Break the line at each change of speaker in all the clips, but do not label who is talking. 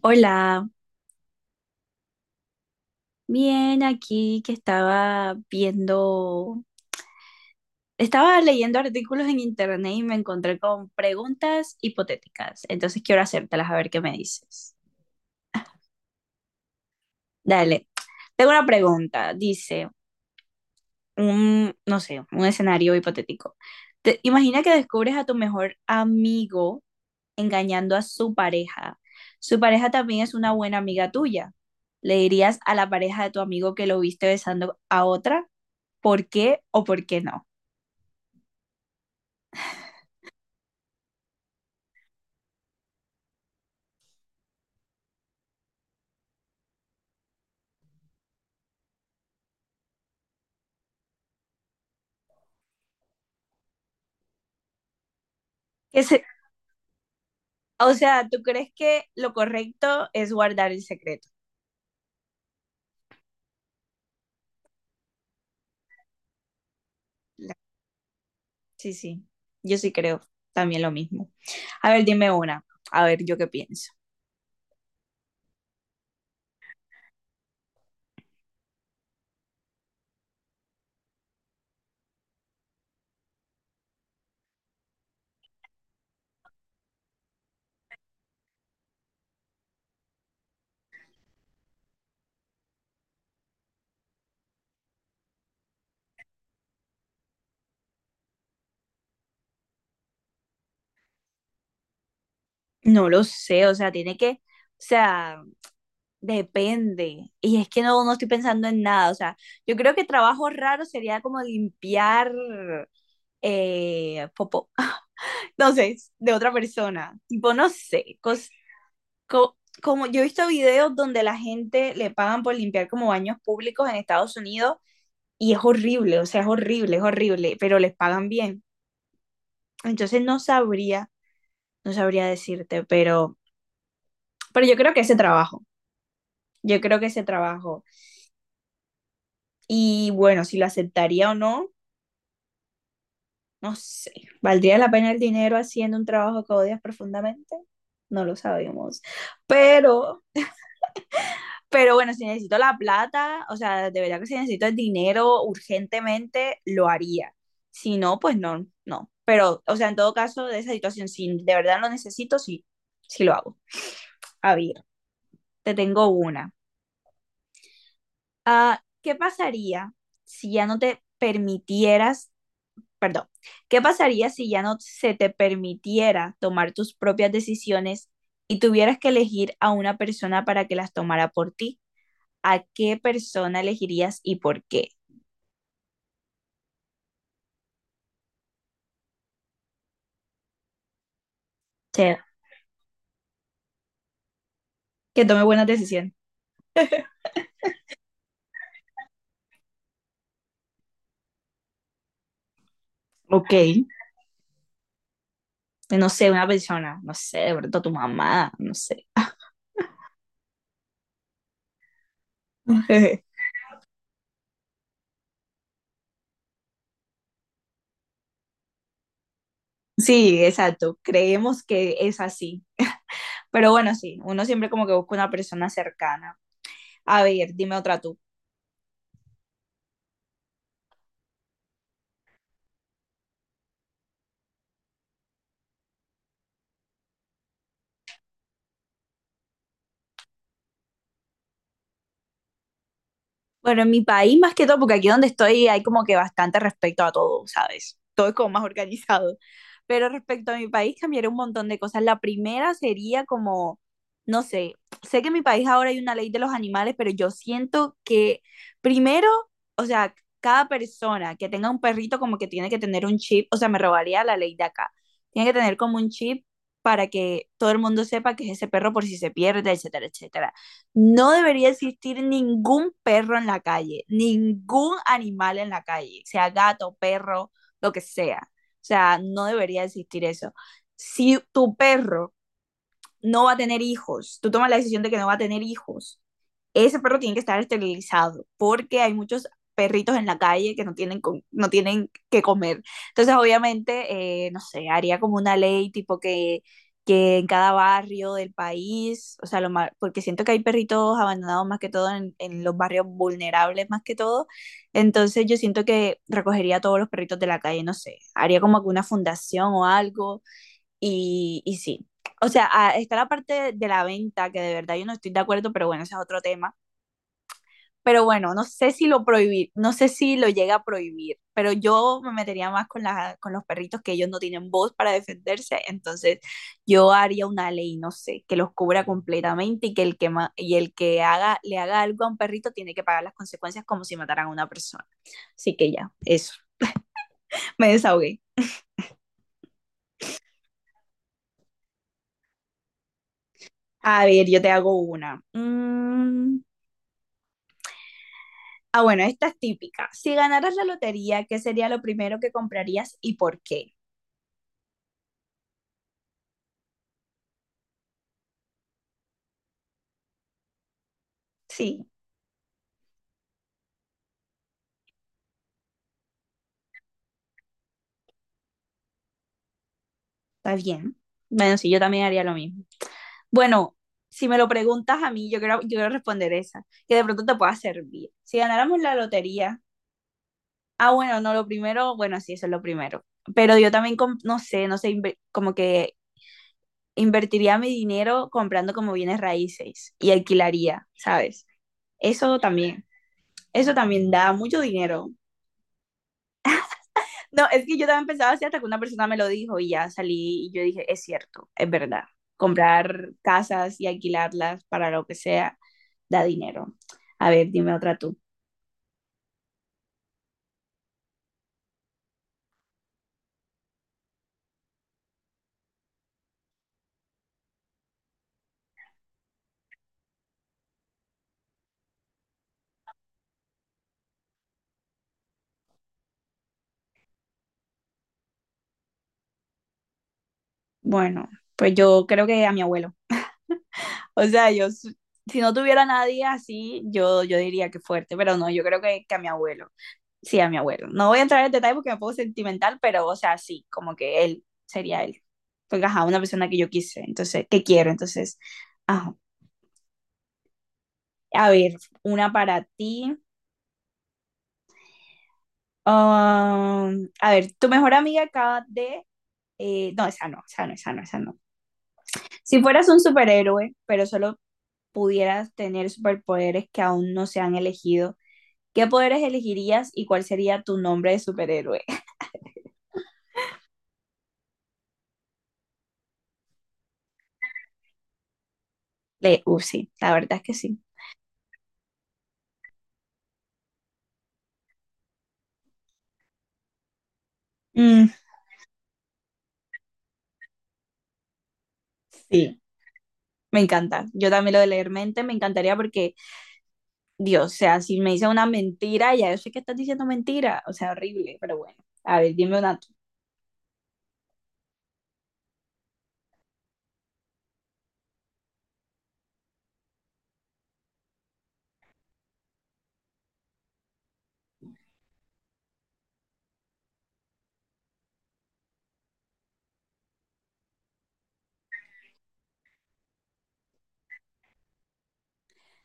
Hola, bien aquí que estaba viendo, estaba leyendo artículos en internet y me encontré con preguntas hipotéticas. Entonces quiero hacértelas a ver qué me dices. Dale, tengo una pregunta. Dice, un, no sé, un escenario hipotético. Imagina que descubres a tu mejor amigo engañando a su pareja. Su pareja también es una buena amiga tuya. ¿Le dirías a la pareja de tu amigo que lo viste besando a otra? ¿Por qué o por qué no? Es, o sea, ¿tú crees que lo correcto es guardar el secreto? La- Sí, sí, yo sí creo también lo mismo. A ver, dime una, a ver, yo qué pienso. No lo sé, o sea, tiene que, o sea, depende. Y es que no, no estoy pensando en nada, o sea, yo creo que trabajo raro sería como limpiar popo, no sé, de otra persona. Tipo, no sé, cosas co- como yo he visto videos donde la gente le pagan por limpiar como baños públicos en Estados Unidos y es horrible, o sea, es horrible, pero les pagan bien. Entonces no sabría, no sabría decirte, pero yo creo que ese trabajo, yo creo que ese trabajo. Y bueno, si lo aceptaría o no, no sé. ¿Valdría la pena el dinero haciendo un trabajo que odias profundamente? No lo sabemos. Pero Pero bueno, si necesito la plata, o sea, de verdad que si necesito el dinero urgentemente, lo haría. Si no, pues no, no. Pero, o sea, en todo caso, de esa situación, si de verdad lo necesito, sí, sí lo hago. A ver, te tengo una. ¿Qué pasaría si ya no te permitieras, perdón, qué pasaría si ya no se te permitiera tomar tus propias decisiones y tuvieras que elegir a una persona para que las tomara por ti? ¿A qué persona elegirías y por qué? Chévere. Que tome buenas decisiones. Ok, no sé, una persona, no sé, de pronto tu mamá, no sé. Sí, exacto, creemos que es así. Pero bueno, sí, uno siempre como que busca una persona cercana. A ver, dime otra tú. Bueno, en mi país más que todo, porque aquí donde estoy hay como que bastante respecto a todo, ¿sabes? Todo es como más organizado. Pero respecto a mi país cambiaría un montón de cosas. La primera sería como, no sé, sé que en mi país ahora hay una ley de los animales, pero yo siento que primero, o sea, cada persona que tenga un perrito como que tiene que tener un chip, o sea, me robaría la ley de acá. Tiene que tener como un chip para que todo el mundo sepa que es ese perro por si se pierde, etcétera, etcétera. No debería existir ningún perro en la calle, ningún animal en la calle, sea gato, perro, lo que sea. O sea, no debería existir eso. Si tu perro no va a tener hijos, tú tomas la decisión de que no va a tener hijos, ese perro tiene que estar esterilizado porque hay muchos perritos en la calle que no tienen, no tienen que comer. Entonces, obviamente, no sé, haría como una ley tipo que en cada barrio del país, o sea, lo más, porque siento que hay perritos abandonados más que todo en los barrios vulnerables más que todo. Entonces, yo siento que recogería a todos los perritos de la calle, no sé, haría como alguna fundación o algo y sí, o sea, ah, está la parte de la venta, que de verdad yo no estoy de acuerdo, pero bueno, ese es otro tema. Pero bueno, no sé si lo prohibir, no sé si lo llega a prohibir, pero yo me metería más con, la, con los perritos que ellos no tienen voz para defenderse, entonces yo haría una ley, no sé, que los cubra completamente y que el que, y el que haga, le haga algo a un perrito tiene que pagar las consecuencias como si mataran a una persona. Así que ya, eso, me desahogué. A ver, yo te hago una. Ah, bueno, esta es típica. Si ganaras la lotería, ¿qué sería lo primero que comprarías y por qué? Sí, está bien. Bueno, sí, yo también haría lo mismo. Bueno, si me lo preguntas a mí, yo quiero responder esa, que de pronto te pueda servir. Si ganáramos la lotería, ah, bueno, no, lo primero, bueno, sí, eso es lo primero. Pero yo también, no sé, no sé, como que invertiría mi dinero comprando como bienes raíces y alquilaría, ¿sabes? Eso también, eso también da mucho dinero. No, es que yo también pensaba así hasta que una persona me lo dijo y ya salí y yo dije, es cierto, es verdad. Comprar casas y alquilarlas para lo que sea da dinero. A ver, dime otra tú. Bueno, pues yo creo que a mi abuelo. O sea, si no tuviera a nadie así, yo diría que fuerte, pero no, yo creo que a mi abuelo. Sí, a mi abuelo. No voy a entrar en detalle porque me pongo sentimental, pero o sea, sí, como que él sería él. Porque ajá, una persona que yo quise, entonces, que quiero, entonces, ajá. A ver, una para ti. A ver, tu mejor amiga acaba de... no, esa no, esa no, esa no, esa no. Si fueras un superhéroe, pero solo pudieras tener superpoderes que aún no se han elegido, ¿qué poderes elegirías y cuál sería tu nombre de superhéroe? Le, sí, la verdad es que sí. Mm, sí, me encanta. Yo también lo de leer mente me encantaría porque, Dios, o sea, si me dice una mentira, ya yo sé que estás diciendo mentira. O sea, horrible, pero bueno. A ver, dime una tú.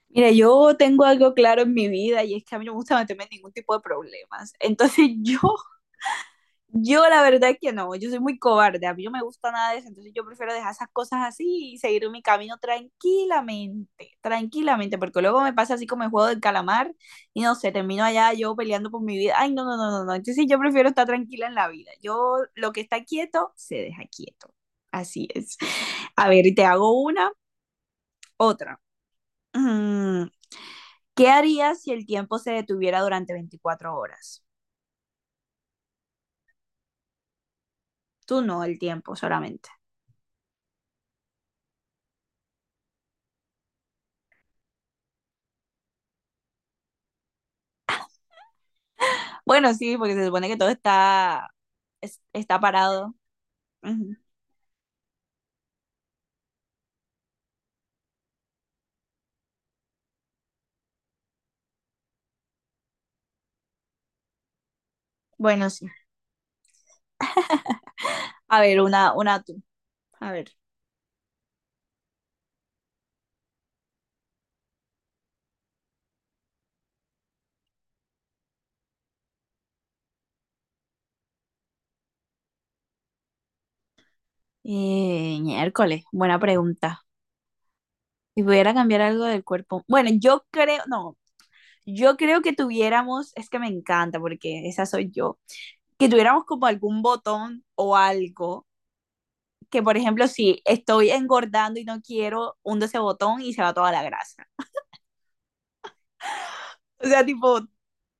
Mira, yo tengo algo claro en mi vida y es que a mí no me gusta meterme en ningún tipo de problemas. Entonces yo la verdad es que no, yo soy muy cobarde, a mí no me gusta nada de eso, entonces yo prefiero dejar esas cosas así y seguir mi camino tranquilamente, tranquilamente, porque luego me pasa así como el juego del calamar y no sé, termino allá yo peleando por mi vida. Ay, no, no, no, no, no. Entonces yo prefiero estar tranquila en la vida. Yo lo que está quieto, se deja quieto. Así es. A ver, y te hago una, otra. Mm, ¿Qué harías si el tiempo se detuviera durante 24 horas? Tú no, el tiempo solamente. Bueno, sí, porque se supone que todo está, está parado. Ujú. Bueno, sí. A ver, una tú. A ver. Miércoles, buena pregunta. Si pudiera cambiar algo del cuerpo. Bueno, yo creo, no, yo creo que tuviéramos, es que me encanta porque esa soy yo, que tuviéramos como algún botón o algo que, por ejemplo, si estoy engordando y no quiero, hundo ese botón y se va toda la grasa. O sea, tipo,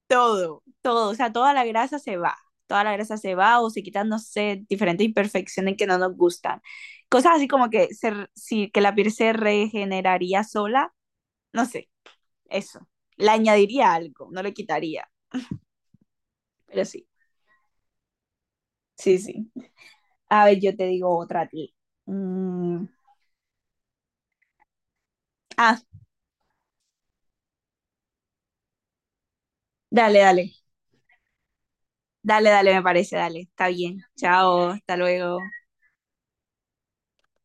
todo, todo, o sea, toda la grasa se va, toda la grasa se va o se quitan, no sé, diferentes imperfecciones que no nos gustan. Cosas así como que, se, si, que la piel se regeneraría sola, no sé, eso. Le añadiría algo, no le quitaría, pero sí, sí, sí. A ver, yo te digo otra a ti. Mm, Ah, dale, dale, dale, dale, me parece, dale, está bien. Chao, hasta luego.